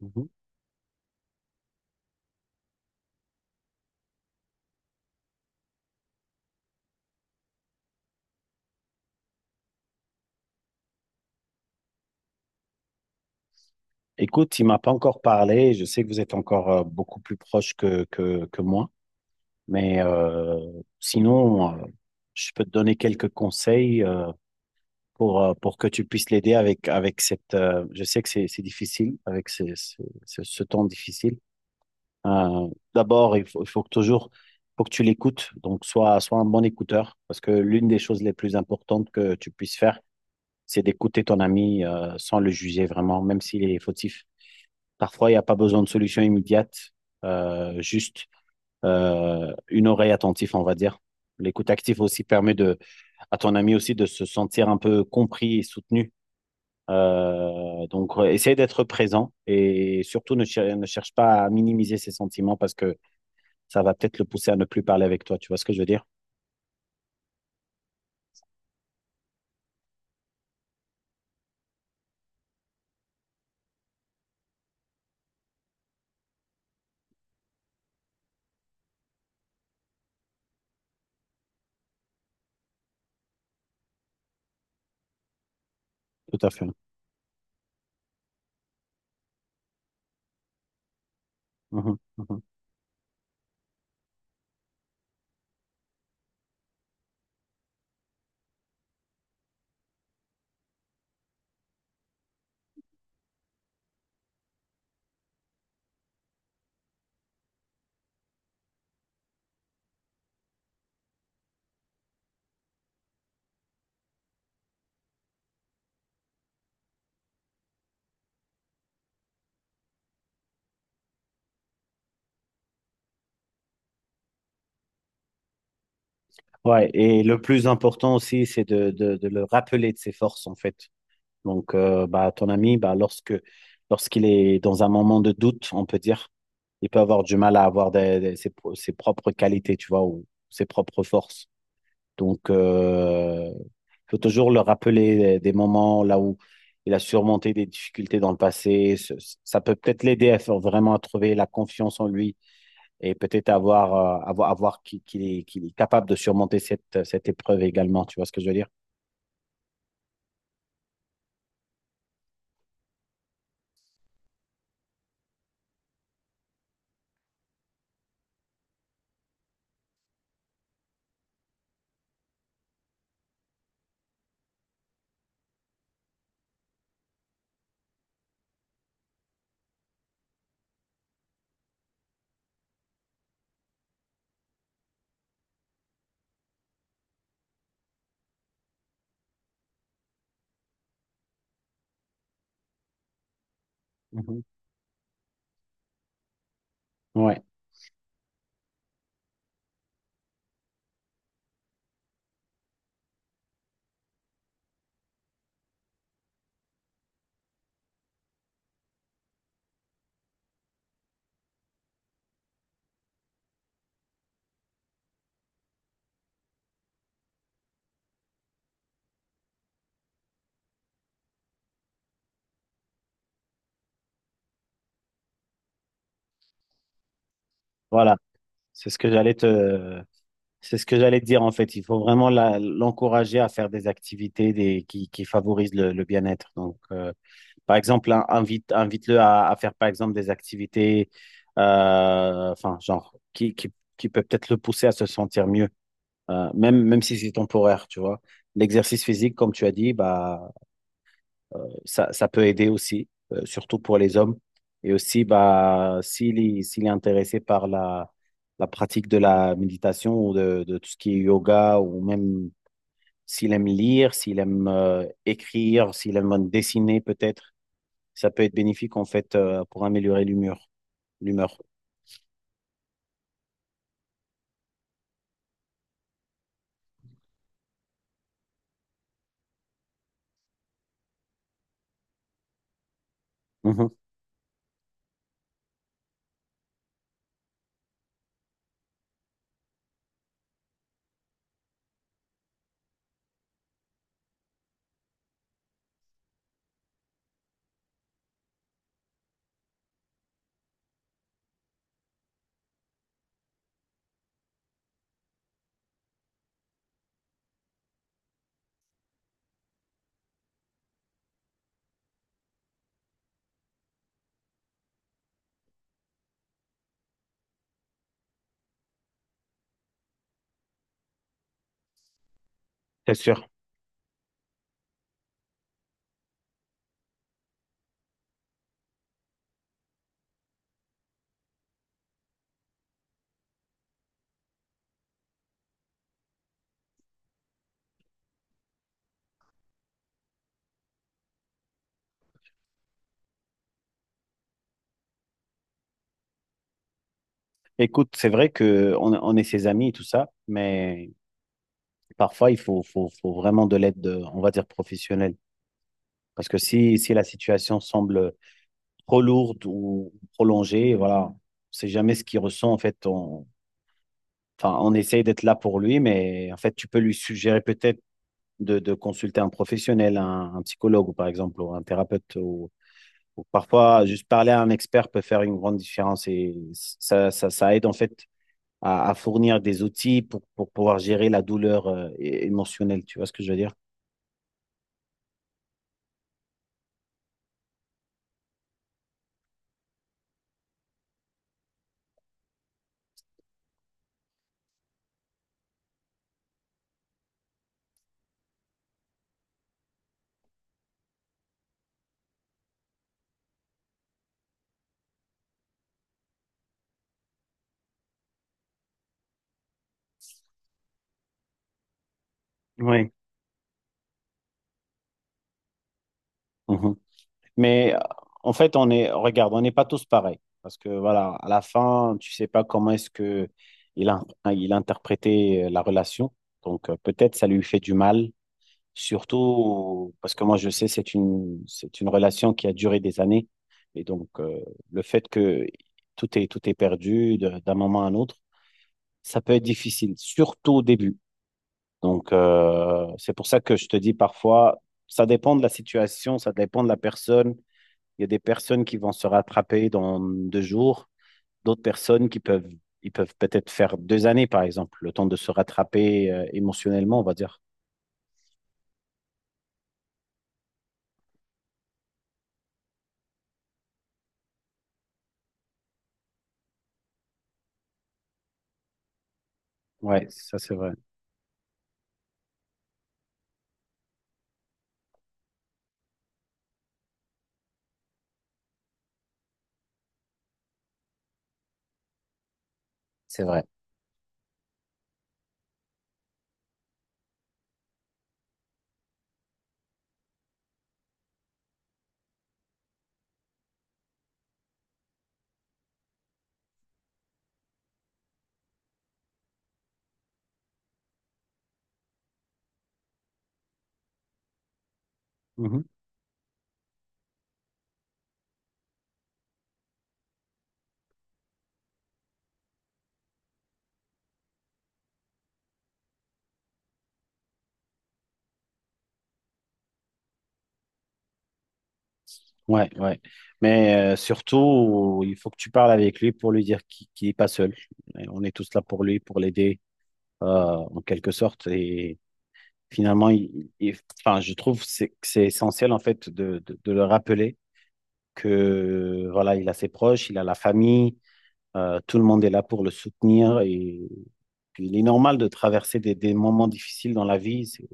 Mhm. Écoute, il m'a pas encore parlé. Je sais que vous êtes encore beaucoup plus proche que moi. Mais sinon, je peux te donner quelques conseils pour que tu puisses l'aider avec cette... je sais que c'est difficile, avec ce temps difficile. Euh, D'abord, il faut que faut que tu l'écoutes. Donc, sois un bon écouteur. Parce que l'une des choses les plus importantes que tu puisses faire, c'est d'écouter ton ami sans le juger vraiment, même s'il est fautif. Parfois, il n'y a pas besoin de solution immédiate, juste une oreille attentive, on va dire. L'écoute active aussi permet à ton ami aussi de se sentir un peu compris et soutenu. Essaye d'être présent et surtout ne cherche pas à minimiser ses sentiments parce que ça va peut-être le pousser à ne plus parler avec toi. Tu vois ce que je veux dire? Tout à fait. Mhm, mhm. Ouais, et le plus important aussi, c'est de le rappeler de ses forces, en fait. Donc, bah, ton ami, bah, lorsqu'il est dans un moment de doute, on peut dire, il peut avoir du mal à avoir ses, ses propres qualités, tu vois, ou ses propres forces. Donc, il faut toujours le rappeler des moments là où il a surmonté des difficultés dans le passé. Ça peut peut-être l'aider à faire vraiment à trouver la confiance en lui et peut-être avoir qu'il qu'il est capable de surmonter cette épreuve également. Tu vois ce que je veux dire? Mhm. Ouais, voilà. C'est ce que j'allais te, C'est ce que j'allais te dire en fait. Il faut vraiment l'encourager à faire qui favorisent le bien-être. Donc, par exemple, invite-le à faire par exemple des activités, enfin, genre, qui peut peut-être le pousser à se sentir mieux, même, même si c'est temporaire, tu vois. L'exercice physique, comme tu as dit, bah, ça peut aider aussi, surtout pour les hommes. Et aussi, bah, s'il est intéressé par la, la pratique de la méditation ou de tout ce qui est yoga, ou même s'il aime lire, s'il aime écrire, s'il aime dessiner peut-être, ça peut être bénéfique en fait pour améliorer l'humeur. Mhm. C'est sûr. Écoute, c'est vrai que on est ses amis et tout ça, mais parfois faut vraiment de l'aide, on va dire, professionnelle. Parce que si la situation semble trop lourde ou prolongée. Voilà, c'est jamais ce qu'il ressent en fait. On, enfin, on essaye d'être là pour lui, mais en fait, tu peux lui suggérer peut-être de consulter un professionnel, un psychologue ou par exemple, ou un thérapeute. Ou parfois, juste parler à un expert peut faire une grande différence et ça aide en fait à fournir des outils pour pouvoir gérer la douleur émotionnelle. Tu vois ce que je veux dire? Oui. Mhm. Mais en fait, on est, regarde, on n'est pas tous pareils. Parce que voilà, à la fin, tu sais pas comment est-ce que il a, il a interprété la relation. Donc peut-être ça lui fait du mal, surtout parce que moi je sais c'est une relation qui a duré des années. Et donc le fait que tout est perdu d'un moment à un autre, ça peut être difficile, surtout au début. Donc c'est pour ça que je te dis parfois, ça dépend de la situation, ça dépend de la personne. Il y a des personnes qui vont se rattraper dans deux jours, d'autres personnes qui ils peuvent peut-être faire deux années, par exemple, le temps de se rattraper émotionnellement, on va dire. Ouais, ça c'est vrai. C'est vrai. Mhm. Ouais, ouais. Mais surtout, il faut que tu parles avec lui pour lui dire qu'il n'est pas seul. Et on est tous là pour lui, pour l'aider, en quelque sorte. Et finalement, enfin, je trouve que c'est essentiel en fait de le rappeler que voilà, il a ses proches, il a la famille. Tout le monde est là pour le soutenir et puis il est normal de traverser des moments difficiles dans la vie.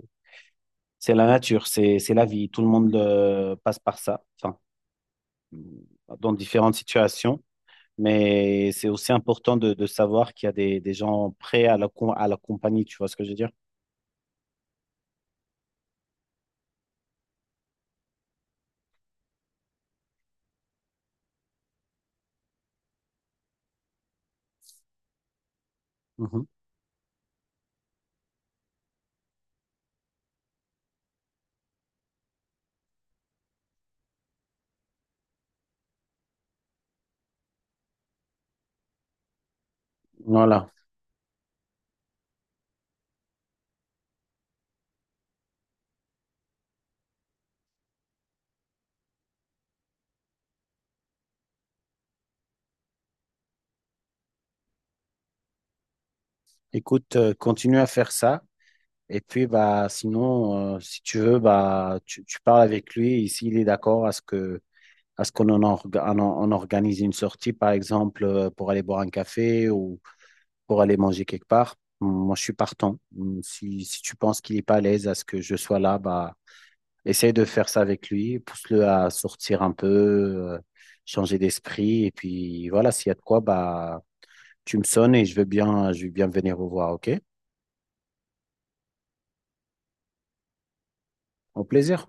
C'est la nature, c'est la vie. Tout le monde passe par ça, enfin, dans différentes situations. Mais c'est aussi important de savoir qu'il y a des gens prêts à à la compagnie, tu vois ce que je veux dire? Mhm. Voilà. Écoute, continue à faire ça. Et puis, bah, sinon, si tu veux, bah, tu parles avec lui. Et s'il est d'accord à ce que Est-ce qu'on en org- on en- on organise une sortie, par exemple, pour aller boire un café ou pour aller manger quelque part? Moi, je suis partant. Si, si tu penses qu'il n'est pas à l'aise à ce que je sois là, bah, essaye de faire ça avec lui, pousse-le à sortir un peu, changer d'esprit. Et puis voilà, s'il y a de quoi, bah, tu me sonnes et je veux bien venir vous voir, OK? Au plaisir.